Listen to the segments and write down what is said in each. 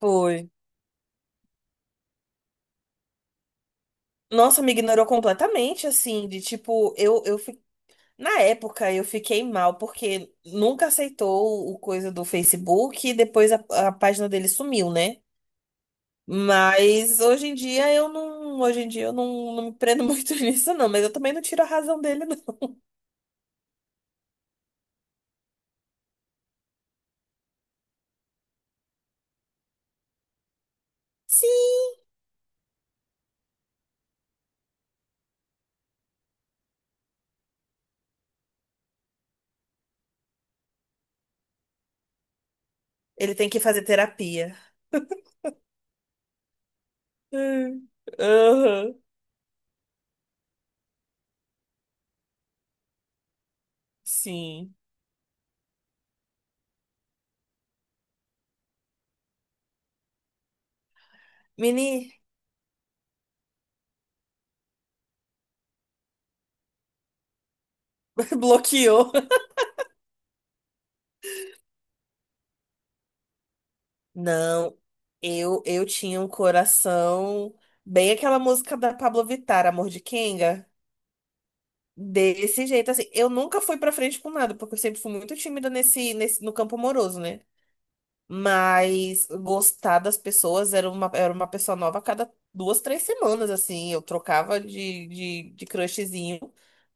Foi. Nossa, me ignorou completamente, assim, de tipo, na época eu fiquei mal, porque nunca aceitou o coisa do Facebook e depois a página dele sumiu, né? Mas hoje em dia eu não. Hoje em dia eu não me prendo muito nisso, não. Mas eu também não tiro a razão dele, não. Sim. Ele tem que fazer terapia. Hum. Aham. Sim. Mini bloqueou. Não, eu tinha um coração bem aquela música da Pablo Vittar, Amor de Kenga, desse jeito assim. Eu nunca fui pra frente com nada, porque eu sempre fui muito tímida nesse, nesse no campo amoroso, né? Mas gostar das pessoas era uma pessoa nova a cada 2, 3 semanas assim. Eu trocava de crushzinho,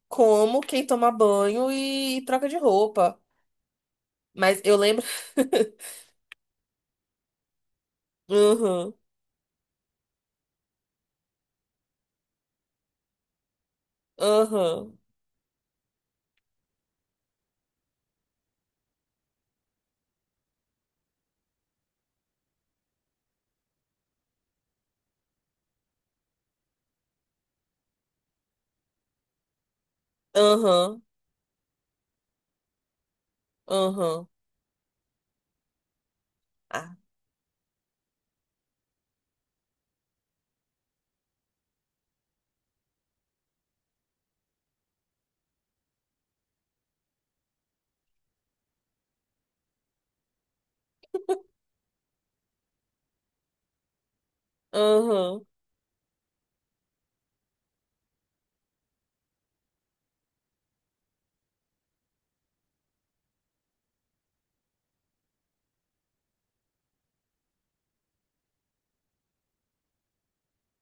como quem toma banho e, troca de roupa. Mas eu lembro. Aham, aham, aham, aham. Ah, aham,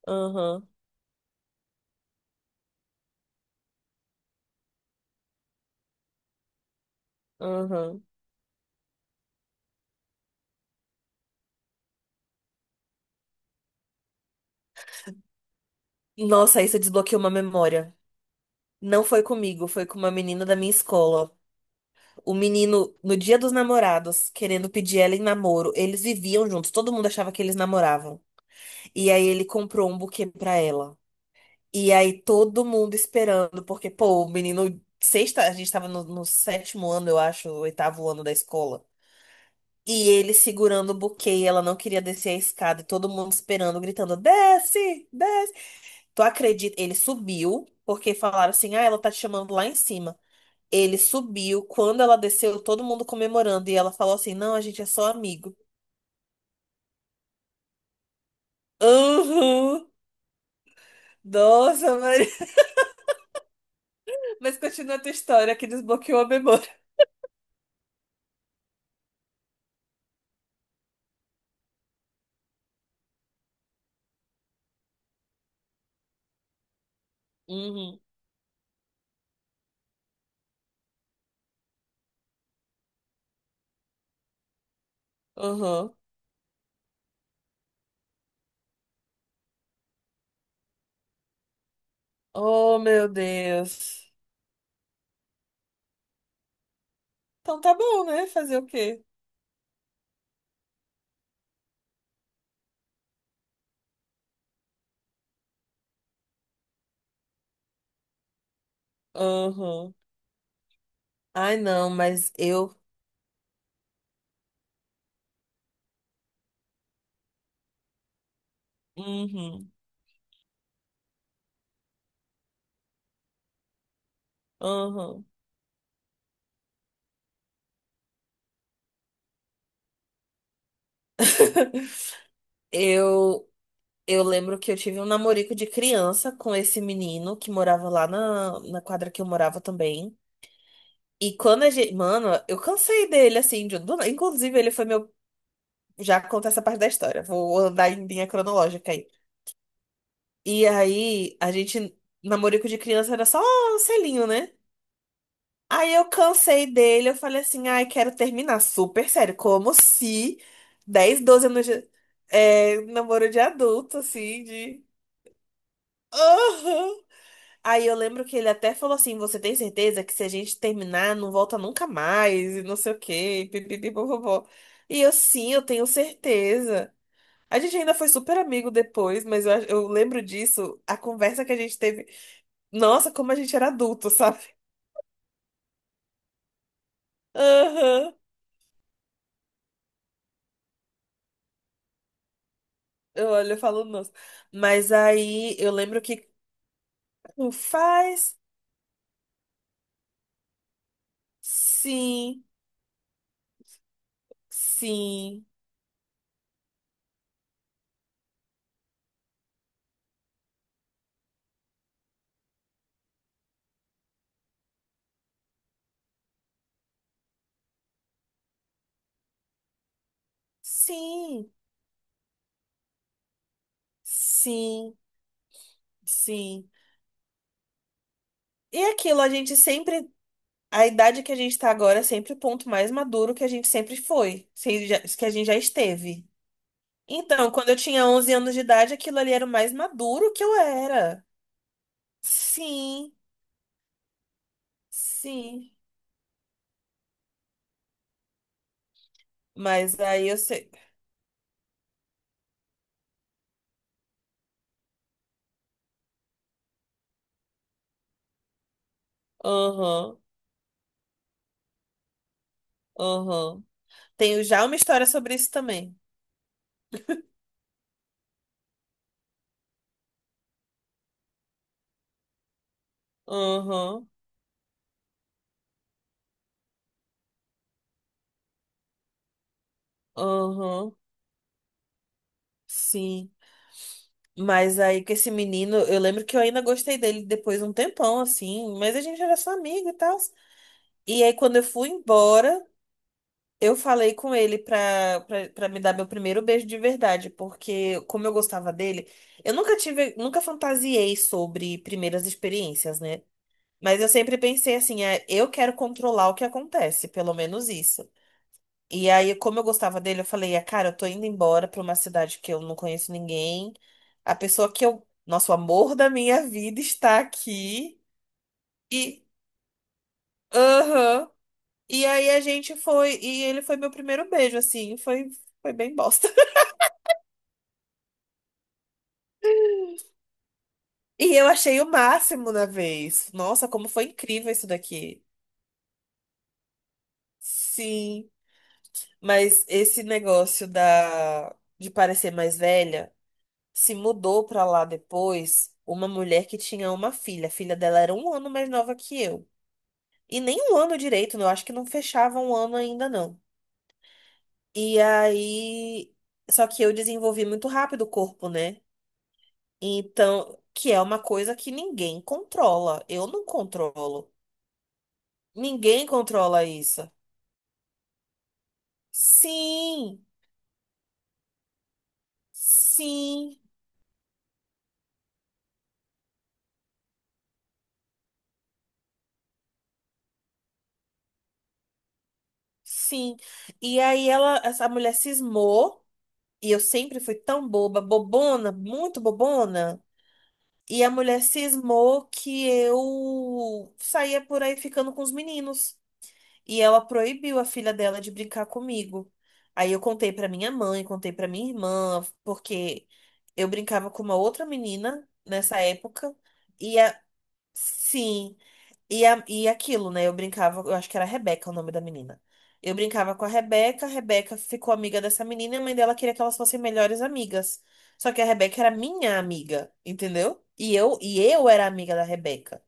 aham, aham. Nossa, aí você desbloqueou uma memória. Não foi comigo, foi com uma menina da minha escola. O menino, no dia dos namorados, querendo pedir ela em namoro, eles viviam juntos, todo mundo achava que eles namoravam. E aí ele comprou um buquê pra ela. E aí todo mundo esperando, porque, pô, o menino, sexta, a gente tava no, no sétimo ano, eu acho, oitavo ano da escola. E ele segurando o buquê, e ela não queria descer a escada, e todo mundo esperando, gritando: desce, desce. Tu acredita? Ele subiu, porque falaram assim: ah, ela tá te chamando lá em cima. Ele subiu, quando ela desceu, todo mundo comemorando. E ela falou assim: não, a gente é só amigo. Uhum. Nossa, Maria. Mas continua a tua história que desbloqueou a memória. Uhum. Uhum. Oh, meu Deus. Então tá bom, né? Fazer o quê? Uhum. Ai, não, mas eu. Uhum. Uhum. Eu Eu lembro que eu tive um namorico de criança com esse menino que morava lá na, na quadra que eu morava também. E quando a gente. Mano, eu cansei dele, assim. De, do- inclusive, ele foi meu. Já conta essa parte da história. Vou andar em linha cronológica aí. E aí, a gente. Namorico de criança era só um selinho, né? Aí eu cansei dele. Eu falei assim: ai, quero terminar. Super sério. Como se 10 12 anos de. É, namoro de adulto, assim, de. Aham. Aí eu lembro que ele até falou assim: Você tem certeza que se a gente terminar, não volta nunca mais, e não sei o quê, pipipipopopó. E eu, sim, eu tenho certeza. A gente ainda foi super amigo depois, mas eu lembro disso, a conversa que a gente teve. Nossa, como a gente era adulto, sabe? Aham. Eu olho e falo, nossa. Mas aí eu lembro que um faz sim, sim, sim, sim, sim. E aquilo, a gente sempre. A idade que a gente tá agora é sempre o ponto mais maduro que a gente sempre foi, se que a gente já esteve. Então, quando eu tinha 11 anos de idade, aquilo ali era o mais maduro que eu era. Sim, sim. Mas aí eu sei. Aham, aham. Tenho já uma história sobre isso também. Aham, aham. Sim. Mas aí com esse menino, eu lembro que eu ainda gostei dele depois de um tempão, assim. Mas a gente era só amigo e tal. E aí, quando eu fui embora. Eu falei com ele pra me dar meu primeiro beijo de verdade, porque como eu gostava dele, eu nunca tive, nunca fantasiei sobre primeiras experiências, né? Mas eu sempre pensei assim, é, eu quero controlar o que acontece, pelo menos isso. E aí, como eu gostava dele, eu falei, ah, cara, eu tô indo embora pra uma cidade que eu não conheço ninguém. A pessoa nosso amor da minha vida está aqui. E, aham. E aí a gente foi, e ele foi meu primeiro beijo, assim, foi, foi bem bosta. E eu achei o máximo na vez. Nossa, como foi incrível isso daqui. Sim, mas esse negócio da de parecer mais velha se mudou pra lá depois uma mulher que tinha uma filha. A filha dela era um ano mais nova que eu. E nem um ano direito, né? Eu acho que não fechava um ano ainda não. E aí, só que eu desenvolvi muito rápido o corpo, né? Então, que é uma coisa que ninguém controla. Eu não controlo. Ninguém controla isso. Sim, sim, sim. E aí ela, essa mulher cismou, e eu sempre fui tão boba, bobona, muito bobona. E a mulher cismou que eu saía por aí ficando com os meninos. E ela proibiu a filha dela de brincar comigo. Aí eu contei pra minha mãe, contei pra minha irmã, porque eu brincava com uma outra menina nessa época. E a... sim. E aquilo, né? Eu brincava, eu acho que era Rebeca o nome da menina. Eu brincava com a Rebeca ficou amiga dessa menina e a mãe dela queria que elas fossem melhores amigas. Só que a Rebeca era minha amiga, entendeu? E eu era amiga da Rebeca.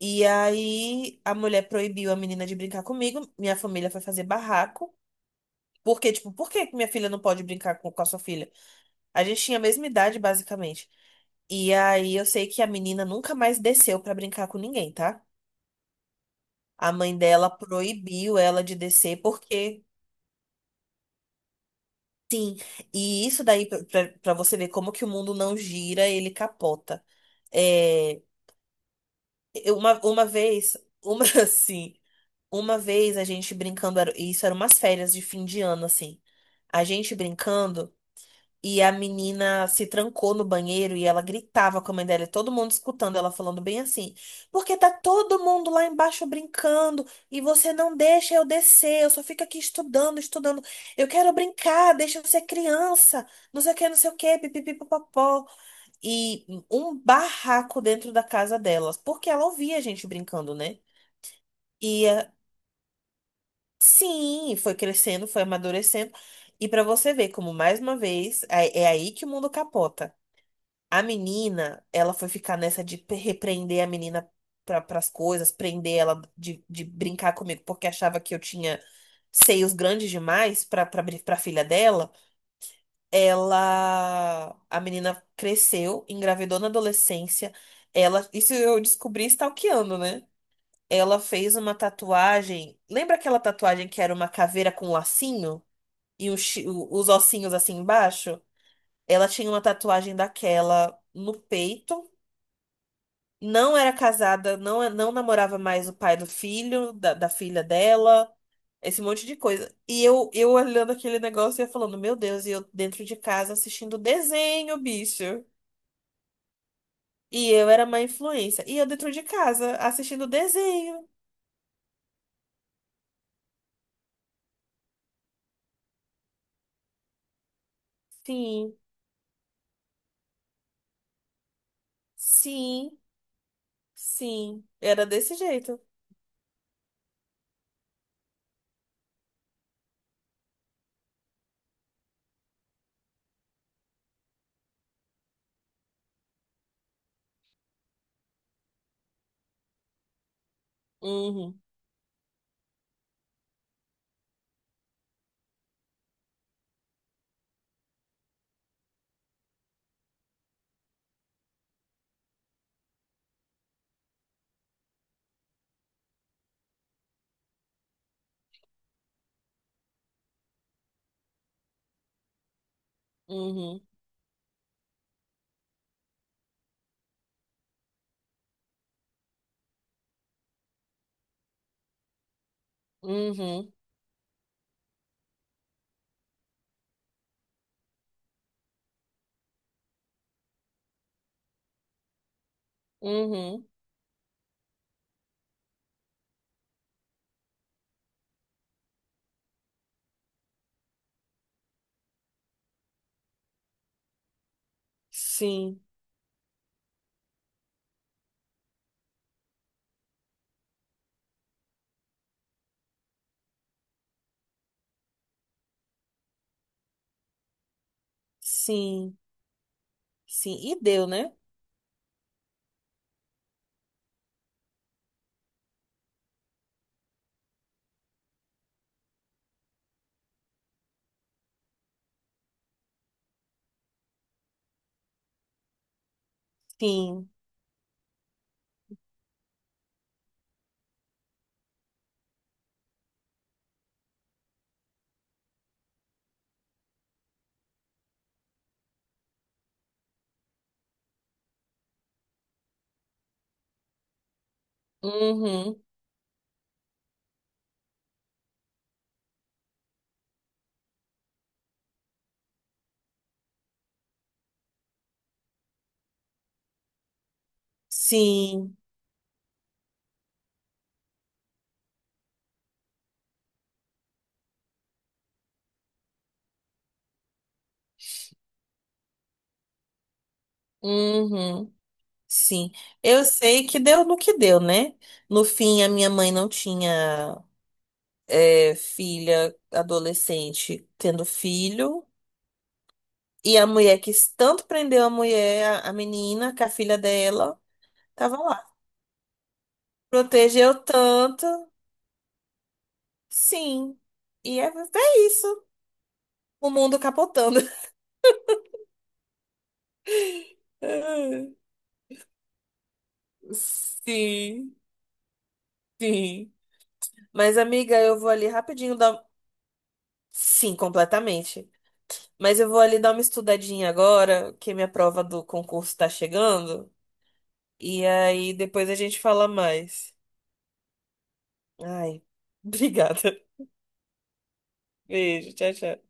E aí a mulher proibiu a menina de brincar comigo, minha família foi fazer barraco. Porque, tipo, por que que minha filha não pode brincar com a sua filha? A gente tinha a mesma idade, basicamente. E aí eu sei que a menina nunca mais desceu pra brincar com ninguém, tá? A mãe dela proibiu ela de descer porque e isso daí para você ver como que o mundo não gira, ele capota. É, uma vez, uma assim, uma vez a gente brincando, isso eram umas férias de fim de ano assim. A gente brincando. E a menina se trancou no banheiro e ela gritava com a mãe dela, e todo mundo escutando ela falando bem assim: Porque tá todo mundo lá embaixo brincando e você não deixa eu descer, eu só fico aqui estudando, estudando. Eu quero brincar, deixa eu ser criança, não sei o que, não sei o que, pipipipopopó. E um barraco dentro da casa delas, porque ela ouvia a gente brincando, né? E eh, sim, foi crescendo, foi amadurecendo. E pra você ver como, mais uma vez, é aí que o mundo capota. A menina, ela foi ficar nessa de repreender a menina para as coisas, prender ela de brincar comigo, porque achava que eu tinha seios grandes demais para filha dela. Ela, a menina cresceu, engravidou na adolescência. Ela, isso eu descobri stalkeando, né? Ela fez uma tatuagem. Lembra aquela tatuagem que era uma caveira com lacinho e os os ossinhos assim embaixo? Ela tinha uma tatuagem daquela no peito, não era casada, não namorava mais o pai do filho, da filha dela, esse monte de coisa. E eu olhando aquele negócio e eu falando, meu Deus, e eu dentro de casa assistindo desenho, bicho. E eu era uma influência. E eu dentro de casa assistindo desenho. Sim, sim, sim. Era desse jeito. Uhum, uhum, uhum, uhum. Sim, sim, sim. E deu, né? Sim. Uhum. Sim. Uhum, sim. Eu sei que deu no que deu, né? No fim, a minha mãe não tinha filha adolescente tendo filho. E a mulher que tanto prendeu a mulher, a menina, que a filha dela, tava lá. Protegeu tanto, sim. E é, é isso. O mundo capotando. Sim, sim. Mas, amiga, eu vou ali rapidinho dar. Sim, completamente. Mas eu vou ali dar uma estudadinha agora, que minha prova do concurso tá chegando. E aí depois a gente fala mais. Ai, obrigada. Beijo, tchau, tchau.